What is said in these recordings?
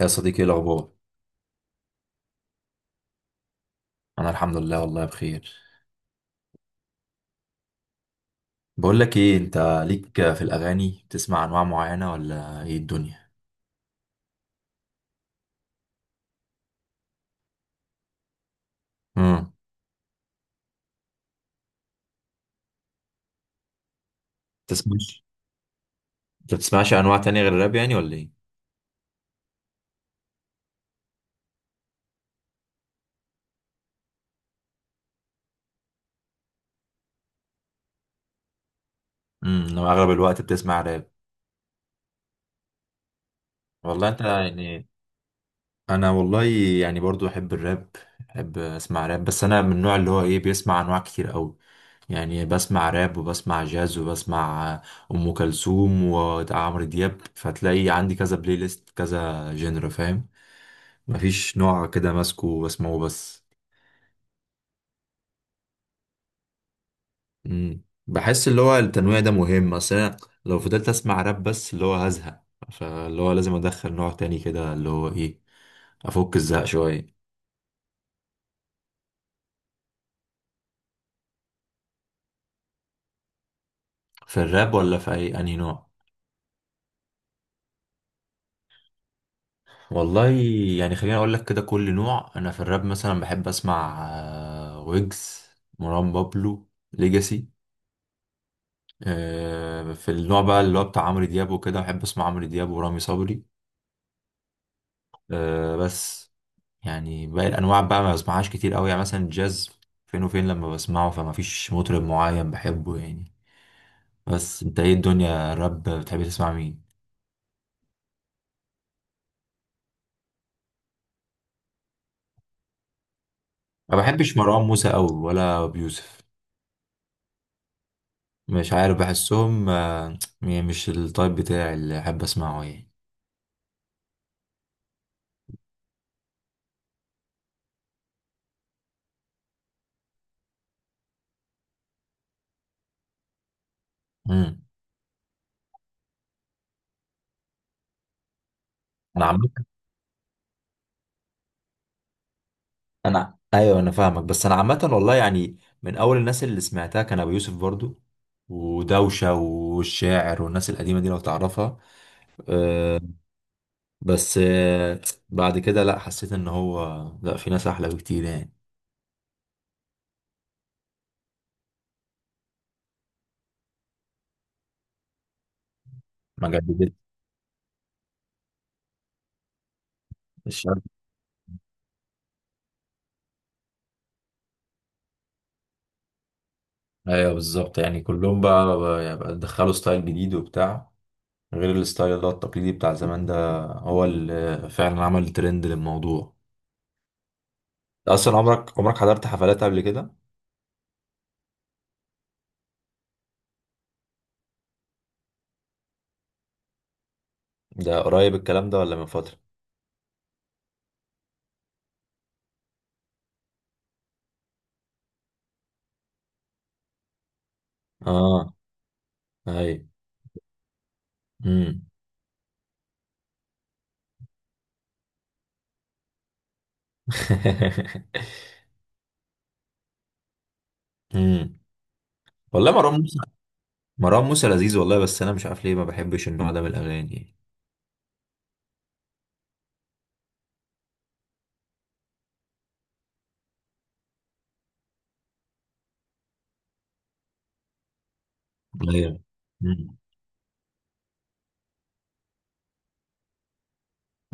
يا صديقي، ايه الاخبار؟ انا الحمد لله والله بخير. بقول لك ايه انت، ليك في الاغاني بتسمع انواع معينه ولا ايه الدنيا؟ امم. تسمعش انت بتسمعش انواع تانية غير الراب يعني ولا ايه؟ انا اغلب الوقت بتسمع راب. والله انت يعني انا والله يعني برضو احب الراب، احب اسمع راب. بس انا من النوع اللي هو ايه، بيسمع انواع كتير قوي، يعني بسمع راب وبسمع جاز وبسمع ام كلثوم وعمرو دياب، فتلاقي عندي كذا بلاي ليست، كذا جنر، فاهم؟ مفيش نوع كده ماسكه واسمعه بس. مم. بحس اللي هو التنويع ده مهم، اصل أنا لو فضلت اسمع راب بس اللي هو هزهق، فاللي هو لازم ادخل نوع تاني كده، اللي هو ايه، افك الزهق شوية. في الراب ولا في اي انهي نوع؟ والله يعني خليني اقول لك كده، كل نوع. انا في الراب مثلا بحب اسمع ويجز، مروان بابلو، ليجاسي. في النوع بقى اللي هو بتاع عمرو دياب وكده، بحب اسمع عمرو دياب ورامي صبري بس. يعني باقي الانواع بقى ما بسمعهاش كتير قوي، يعني مثلا الجاز، فين وفين لما بسمعه، فما فيش مطرب معين بحبه يعني. بس انت ايه الدنيا، الراب بتحب تسمع مين؟ ما بحبش مروان موسى قوي ولا بيوسف. مش عارف، بحسهم مش التايب بتاعي اللي احب اسمعه يعني. امم. انا عامه، انا ايوه انا فاهمك، بس انا عامه والله، يعني من اول الناس اللي سمعتها كان ابو يوسف برضو ودوشه والشاعر والناس القديمه دي، لو تعرفها. بس بعد كده لا، حسيت ان هو لا، في ناس احلى بكتير يعني. ما جددت. الشعب، ايوه بالظبط، يعني كلهم بقى بقى دخلوا ستايل جديد وبتاع، غير الستايل ده التقليدي بتاع زمان، ده هو اللي فعلا عمل ترند للموضوع. اصلا عمرك حضرت حفلات قبل كده؟ ده قريب الكلام ده ولا من فترة؟ اه، اي. امم. امم. والله مروان موسى، مروان موسى لذيذ والله، بس انا مش عارف ليه ما بحبش النوع ده من الاغاني. ايوه. أمم.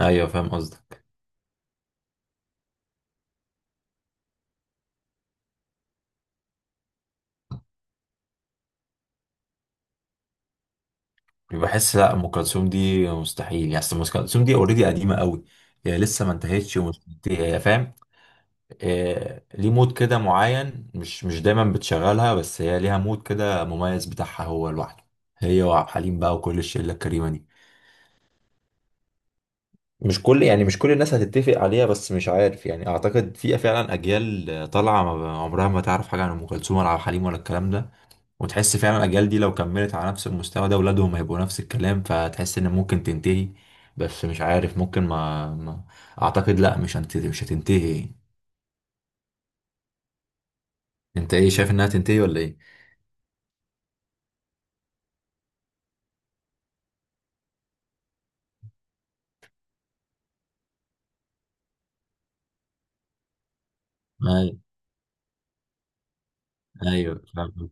ايوه فاهم قصدك. بحس لا، ام كلثوم دي مستحيل يعني، أصل ام كلثوم دي اوريدي قديمه قوي، هي لسه ما انتهتش ومش، هي فاهم، ليه مود كده معين، مش دايما بتشغلها، بس هي ليها مود كده مميز بتاعها هو لوحده، هي وعبد الحليم بقى وكل الشله الكريمه دي. مش كل الناس هتتفق عليها، بس مش عارف يعني. اعتقد في فعلا اجيال طالعه عمرها ما تعرف حاجه عن ام كلثوم ولا عبد الحليم ولا الكلام ده، وتحس فعلا الاجيال دي لو كملت على نفس المستوى ده، اولادهم هيبقوا نفس الكلام، فتحس ان ممكن تنتهي. بس مش عارف، ممكن ما, ما اعتقد لا، مش هتنتهي، مش هتنتهي. انت ايه شايف انها تنتهي ولا ايه؟ ايوه فاهم،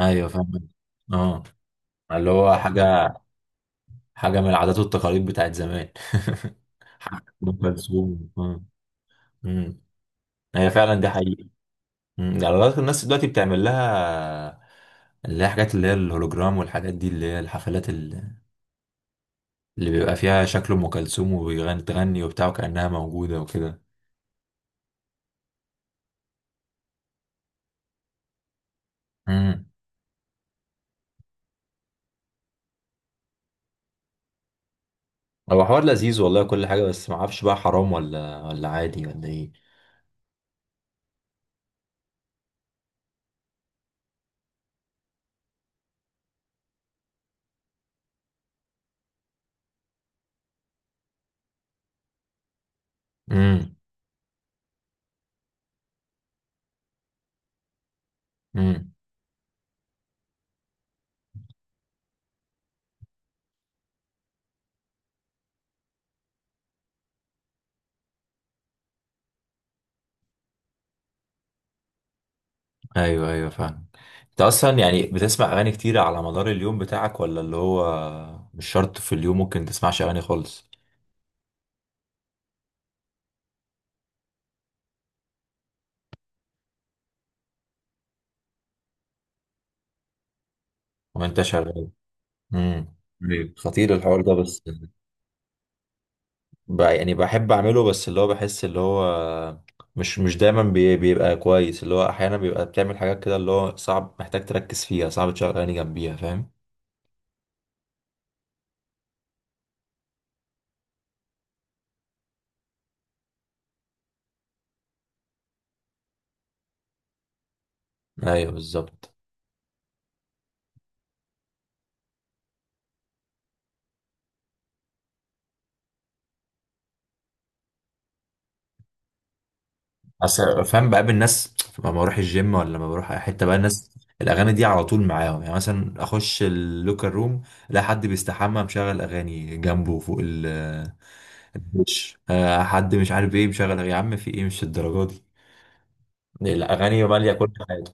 ايوه فاهم. اه، اللي هو حاجه، حاجه من العادات والتقاليد بتاعت زمان. حاجة ام كلثوم، آه. أمم. هي فعلا دي حقيقه. أمم. ده على الأقل الناس دلوقتي بتعمل لها اللي هي حاجات، اللي هي الهولوجرام والحاجات دي، اللي هي الحفلات اللي بيبقى فيها شكل ام كلثوم وبتغني وبتاع، وكانها موجوده وكده. امم. هو حوار لذيذ والله كل حاجه، بس ما اعرفش بقى، حرام ولا عادي ولا ايه؟ امم. ايوه، ايوه فاهم. انت اصلا يعني بتسمع اغاني كتير على مدار اليوم بتاعك، ولا اللي هو مش شرط، في اليوم ممكن تسمعش اغاني خالص؟ وانت شغال. امم. أيوة. خطير الحوار ده، بس يعني بحب اعمله، بس اللي هو بحس اللي هو مش دايما بيبقى كويس، اللي هو احيانا بيبقى بتعمل حاجات كده اللي هو صعب، محتاج تركز فيها، صعب تشغل اغاني جنبيها، فاهم؟ ايوه بالظبط. اصل فاهم، بقابل ناس لما بروح الجيم ولا لما بروح اي حته بقى، الناس الاغاني دي على طول معاهم يعني، مثلا اخش اللوكر روم، الاقي حد بيستحمى مشغل اغاني جنبه فوق ال، مش آه، حد مش عارف ايه مشغل أغاني. يا عم في ايه، مش الدرجه دي، الاغاني ماليه كل حاجه.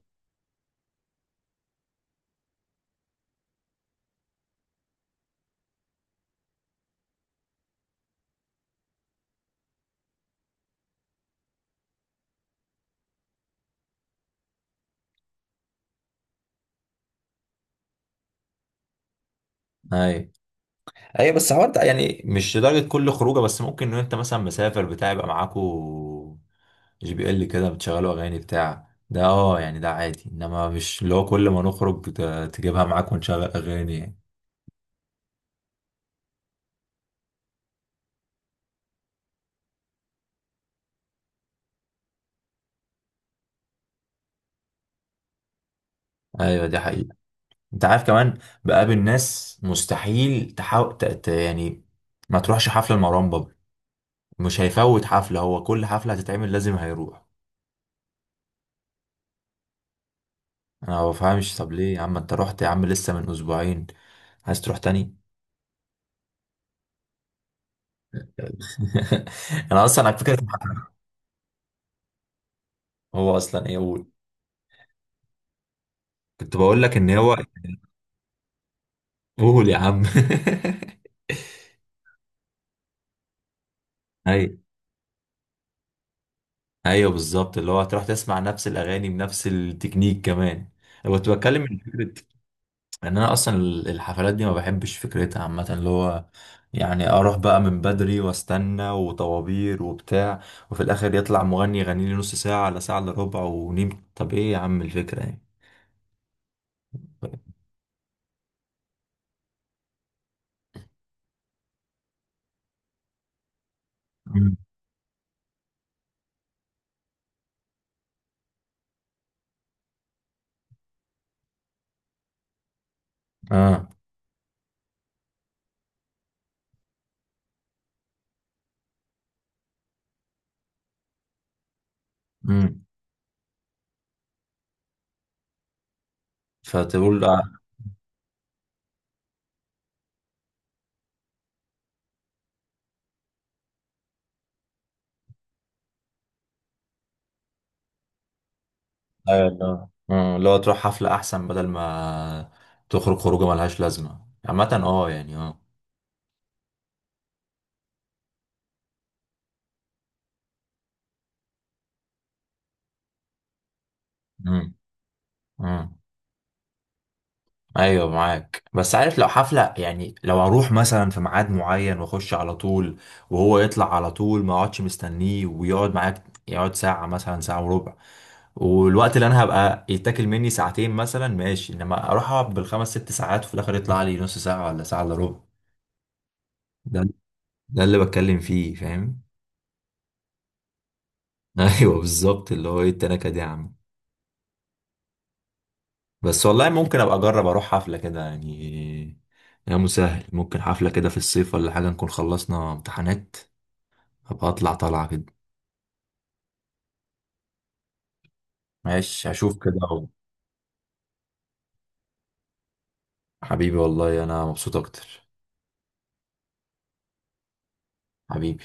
ايوه، ايوه. بس هو انت يعني مش لدرجه كل خروجه، بس ممكن ان انت مثلا مسافر بتاع، يبقى معاكو جي بي ال كده بتشغلوا اغاني بتاع ده، اه يعني، ده عادي. انما مش اللي هو كل ما نخرج تجيبها معاك ونشغل اغاني يعني. ايوه دي حقيقة. انت عارف كمان بقابل ناس مستحيل، تحاول يعني ما تروحش حفلة لمروان بابلو، مش هيفوت حفلة، هو كل حفلة هتتعمل لازم هيروح. انا ما بفهمش، طب ليه يا عم، انت رحت يا عم لسه من اسبوعين، عايز تروح تاني؟ انا اصلا على فكره. هو اصلا ايه، قول. كنت بقول لك ان هو، قول يا عم. ايوه، ايوه بالظبط، اللي هو هتروح تسمع نفس الاغاني بنفس التكنيك كمان. انا كنت بتكلم من فكره ان انا اصلا الحفلات دي ما بحبش فكرتها عامه، اللي هو يعني اروح بقى من بدري واستنى وطوابير وبتاع، وفي الاخر يطلع مغني يغني لي نص ساعه على ساعه الا ربع ونيم، طب ايه يا عم الفكره يعني. مم. اه. امم. فتقول، ايوه لا، لو تروح حفلة احسن، بدل ما تخرج خروجه ملهاش لازمة عامة، اه يعني، اه. مم. مم. ايوه معاك، بس عارف لو حفلة يعني، لو اروح مثلا في ميعاد معين واخش على طول، وهو يطلع على طول ما اقعدش مستنيه، ويقعد معاك يقعد ساعة مثلا، ساعة وربع، والوقت اللي انا هبقى يتاكل مني ساعتين مثلا، ماشي. انما اروح اقعد بالخمس ست ساعات وفي الاخر يطلع لي نص ساعة ولا ساعة الا ربع، ده ده اللي بتكلم فيه، فاهم؟ ايوه بالظبط، اللي هو ايه التناكة دي يا عم. بس والله ممكن ابقى اجرب اروح حفلة كده يعني، يا مسهل، ممكن حفلة كده في الصيف ولا حاجة، نكون خلصنا امتحانات، ابقى اطلع طالعة كده. ماشي هشوف كده أهو. حبيبي والله انا مبسوط اكتر. حبيبي.